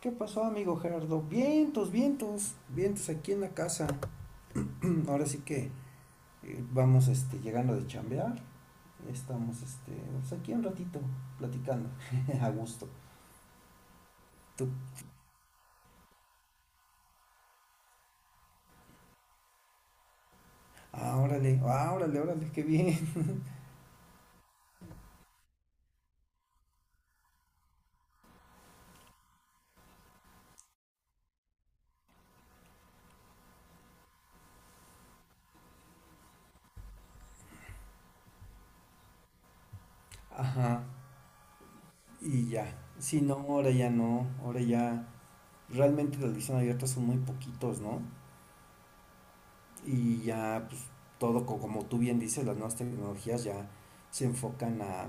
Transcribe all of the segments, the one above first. ¿Qué pasó, amigo Gerardo? Vientos, vientos, vientos aquí en la casa. Ahora sí que vamos llegando de chambear. Estamos pues, aquí un ratito platicando, a gusto. Tú, ah, órale, qué bien. Ajá, y ya. Sí no, ahora ya no, ahora ya. Realmente las ediciones abiertas son muy poquitos, ¿no? Y ya, pues todo, como tú bien dices, las nuevas tecnologías ya se enfocan a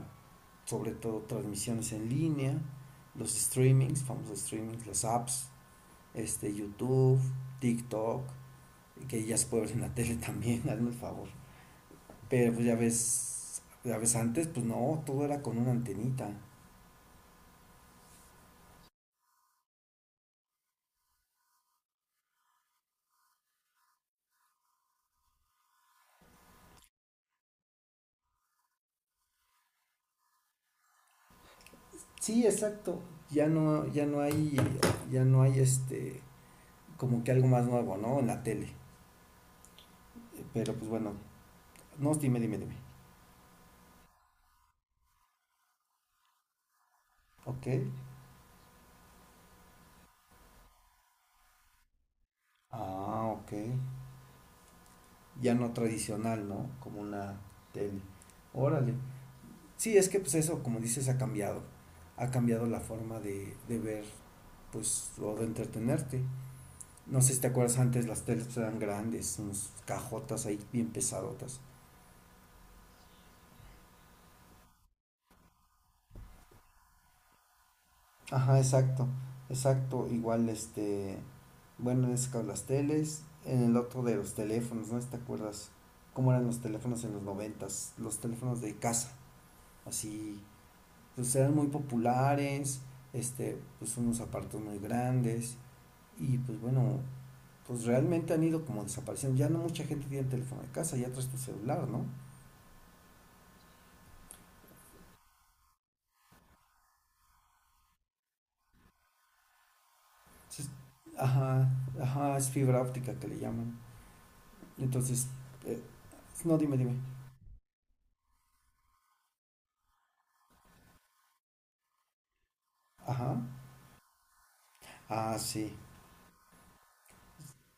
sobre todo transmisiones en línea, los streamings, famosos streamings, las apps, YouTube, TikTok, que ya se puede ver en la tele también, hazme el favor. Pero pues ya ves antes, pues no, todo era con una antenita. Sí, exacto. Ya no, ya no hay este, como que algo más nuevo, ¿no? En la tele. Pero pues bueno, no, dime, dime, dime. Ok. Ah, ok. Ya no tradicional, ¿no? Como una tele. Órale. Sí, es que pues eso, como dices, ha cambiado. Ha cambiado la forma de ver, pues, o de entretenerte. No sé si te acuerdas antes, las teles eran grandes, unas cajotas ahí bien pesadotas. Ajá, exacto, exacto. Igual, bueno, en ese caso las teles, en el otro de los teléfonos, ¿no? Si ¿te acuerdas cómo eran los teléfonos en los noventas? Los teléfonos de casa, así, pues eran muy populares, pues unos aparatos muy grandes y pues bueno, pues realmente han ido como desapareciendo. Ya no mucha gente tiene teléfono de casa, ya traes tu celular, ¿no? Entonces, ajá, ajá, es fibra óptica que le llaman. Entonces, eh, no, dime, dime. Ajá. Ah, sí.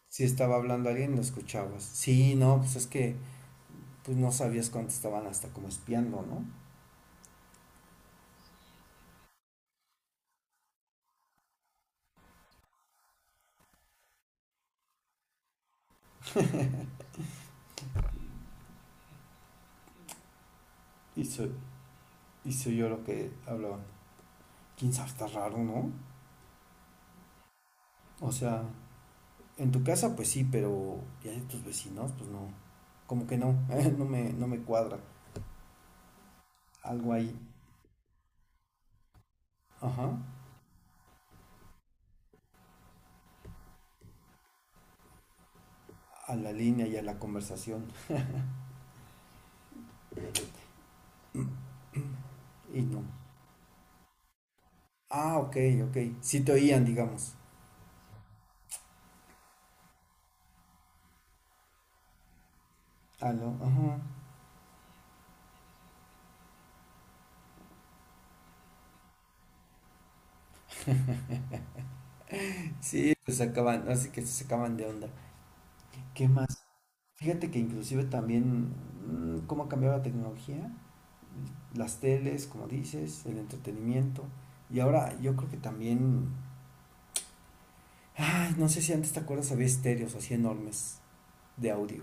Sí estaba hablando alguien lo escuchabas. Sí, no, pues es que pues no sabías cuánto estaban hasta como espiando, ¿no? Y soy, y soy yo lo que hablaban. ¿Quién sabe? Está raro, ¿no? O sea, en tu casa pues sí, pero ya de tus vecinos pues no. Como que no, no me cuadra. Algo ahí. Ajá. A la línea y a la conversación. Y no. Ah, ok, ok. Sí te oían, digamos. Aló, ajá. Sí, se sacaban, así que se sacaban de onda. ¿Qué más? Fíjate que inclusive también cómo ha cambiado la tecnología, las teles, como dices, el entretenimiento. Y ahora yo creo que también, ay, no sé si antes te acuerdas, había estéreos así enormes de audio.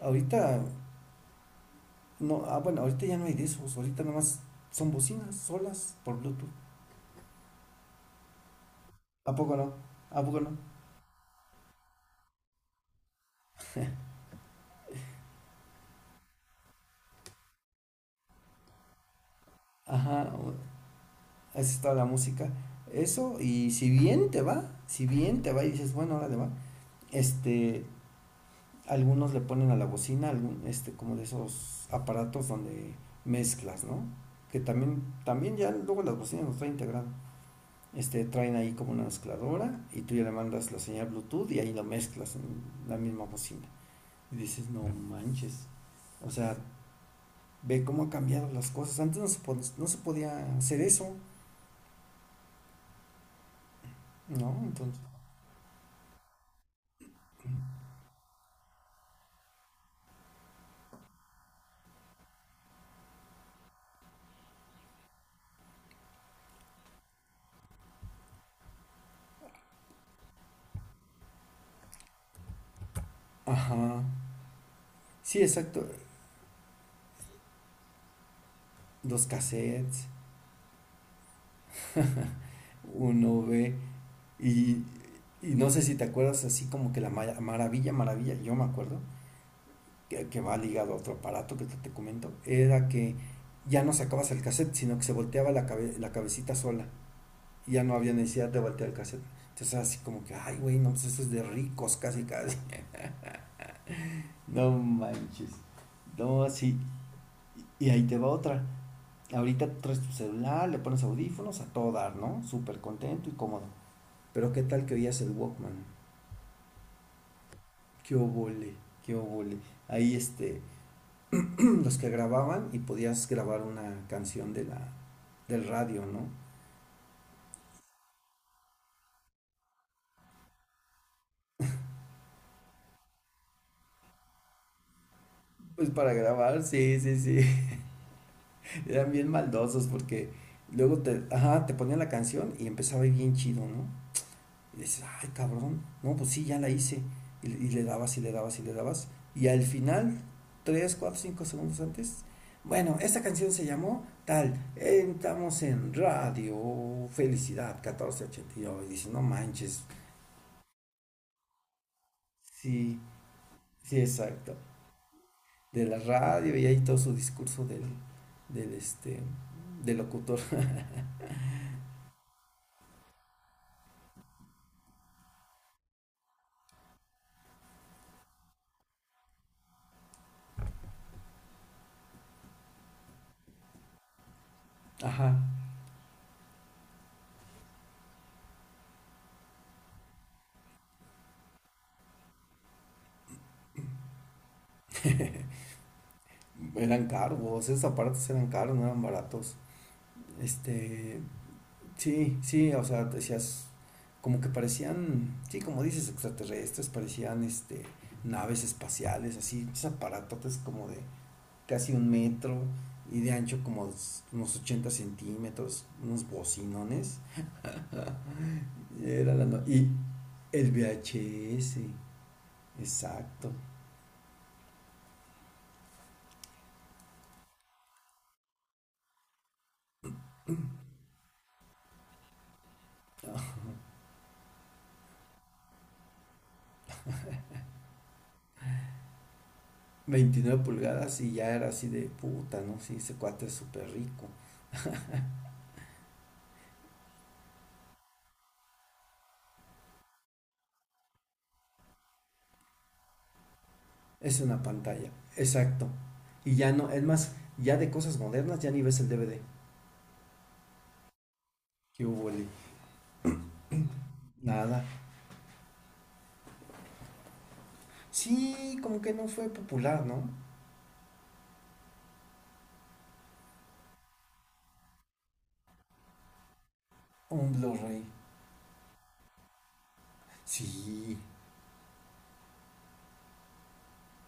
Ahorita, no, ah, bueno, ahorita ya no hay de esos, ahorita nomás son bocinas solas por Bluetooth. ¿A poco no? ¿A poco no? Ajá, esa es toda la música. Eso, y si bien te va, si bien te va y dices, bueno, ahora le va, este, algunos le ponen a la bocina, algún, como de esos aparatos donde mezclas, ¿no? Que también, también ya luego las bocinas los traen integrado. Traen ahí como una mezcladora y tú ya le mandas la señal Bluetooth y ahí lo mezclas en la misma bocina. Y dices, no manches. O sea, ve cómo ha cambiado las cosas. Antes no se, no se podía hacer eso. ¿No? Entonces, ajá. Sí, exacto. Los cassettes, uno ve, y, y no sé si te acuerdas así como que la maravilla, yo me acuerdo, que va ligado a otro aparato que te comento, era que ya no sacabas el cassette, sino que se volteaba la, la cabecita sola, y ya no había necesidad de voltear el cassette. Entonces así como que, ay, güey, no, pues eso es de ricos, casi, casi. No manches. No, sí. Y ahí te va otra. Ahorita traes tu celular, le pones audífonos a todo dar, ¿no? Súper contento y cómodo. Pero qué tal que oías el Walkman. Qué obole, qué obole. Ahí los que grababan y podías grabar una canción de la, del radio, ¿no? Pues para grabar, sí, sí, sí. Eran bien maldosos porque luego te, ajá, te ponían la canción y empezaba bien chido, ¿no? Y dices, ay, cabrón, no, pues sí, ya la hice. Y le dabas y le dabas y le dabas. Y al final, 3, 4, 5 segundos antes, bueno, esta canción se llamó tal, estamos en radio, felicidad, 1489. Y nueve. Y dices, no manches, sí, sí, exacto. De la radio y ahí todo su discurso del, del, del locutor. Ajá. Eran caros, esos aparatos eran caros, no eran baratos. Este, Sí, sí, o sea, decías, como que parecían, sí, como dices, extraterrestres, parecían naves espaciales, así, esos aparatotes como de casi un metro y de ancho como unos 80 centímetros, unos bocinones. Era la y el VHS, exacto, 29 pulgadas y ya era así de puta, ¿no? Sí, ese cuate es súper rico. Es una pantalla, exacto. Y ya no, es más, ya de cosas modernas ya ni ves el DVD. ¿Qué hubo, Lee? Nada. Sí, como que no fue popular, ¿no? Un Blu-ray. Sí,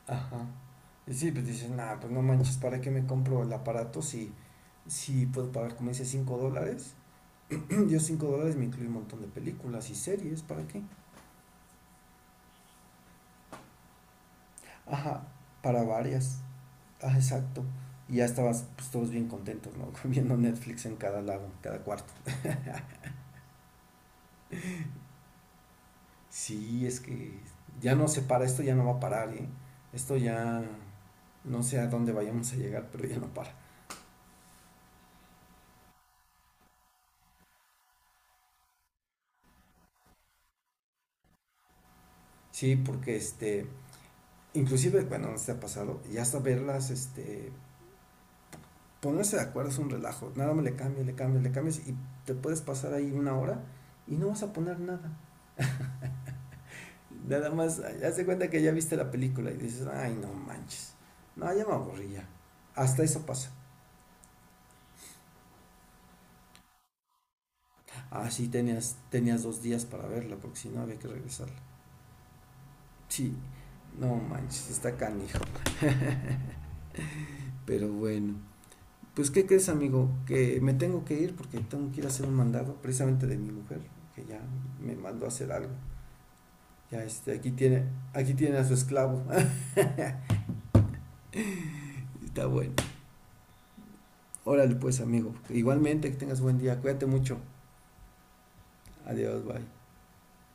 ajá. Y sí, pues dices, nada, pues no manches, ¿para qué me compro el aparato si, si puedo pagar, como dice, $5? Yo $5 me incluye un montón de películas y series, ¿para qué? Ajá, para varias. Ah, exacto. Y ya estabas, pues todos bien contentos, ¿no? Viendo Netflix en cada lado, en cada cuarto. Sí, es que ya no se para, esto ya no va a parar, ¿eh? Esto ya no sé a dónde vayamos a llegar, pero ya no para. Sí, porque inclusive, bueno, no se ha pasado, ya hasta verlas, ponerse de acuerdo es un relajo, nada más le cambias, le cambias, le cambias y te puedes pasar ahí una hora y no vas a poner nada. Nada más, haz de cuenta que ya viste la película y dices, ay, no manches, no, ya me aburrí ya. Hasta eso pasa. Ah, sí, tenías, tenías 2 días para verla, porque si no había que regresarla. Sí, no manches, está canijo. Pero bueno, pues ¿qué crees, amigo? Que me tengo que ir porque tengo que ir a hacer un mandado precisamente de mi mujer, que ya me mandó a hacer algo. Ya aquí tiene a su esclavo. Está bueno. Órale pues, amigo. Igualmente, que tengas buen día. Cuídate mucho. Adiós, bye.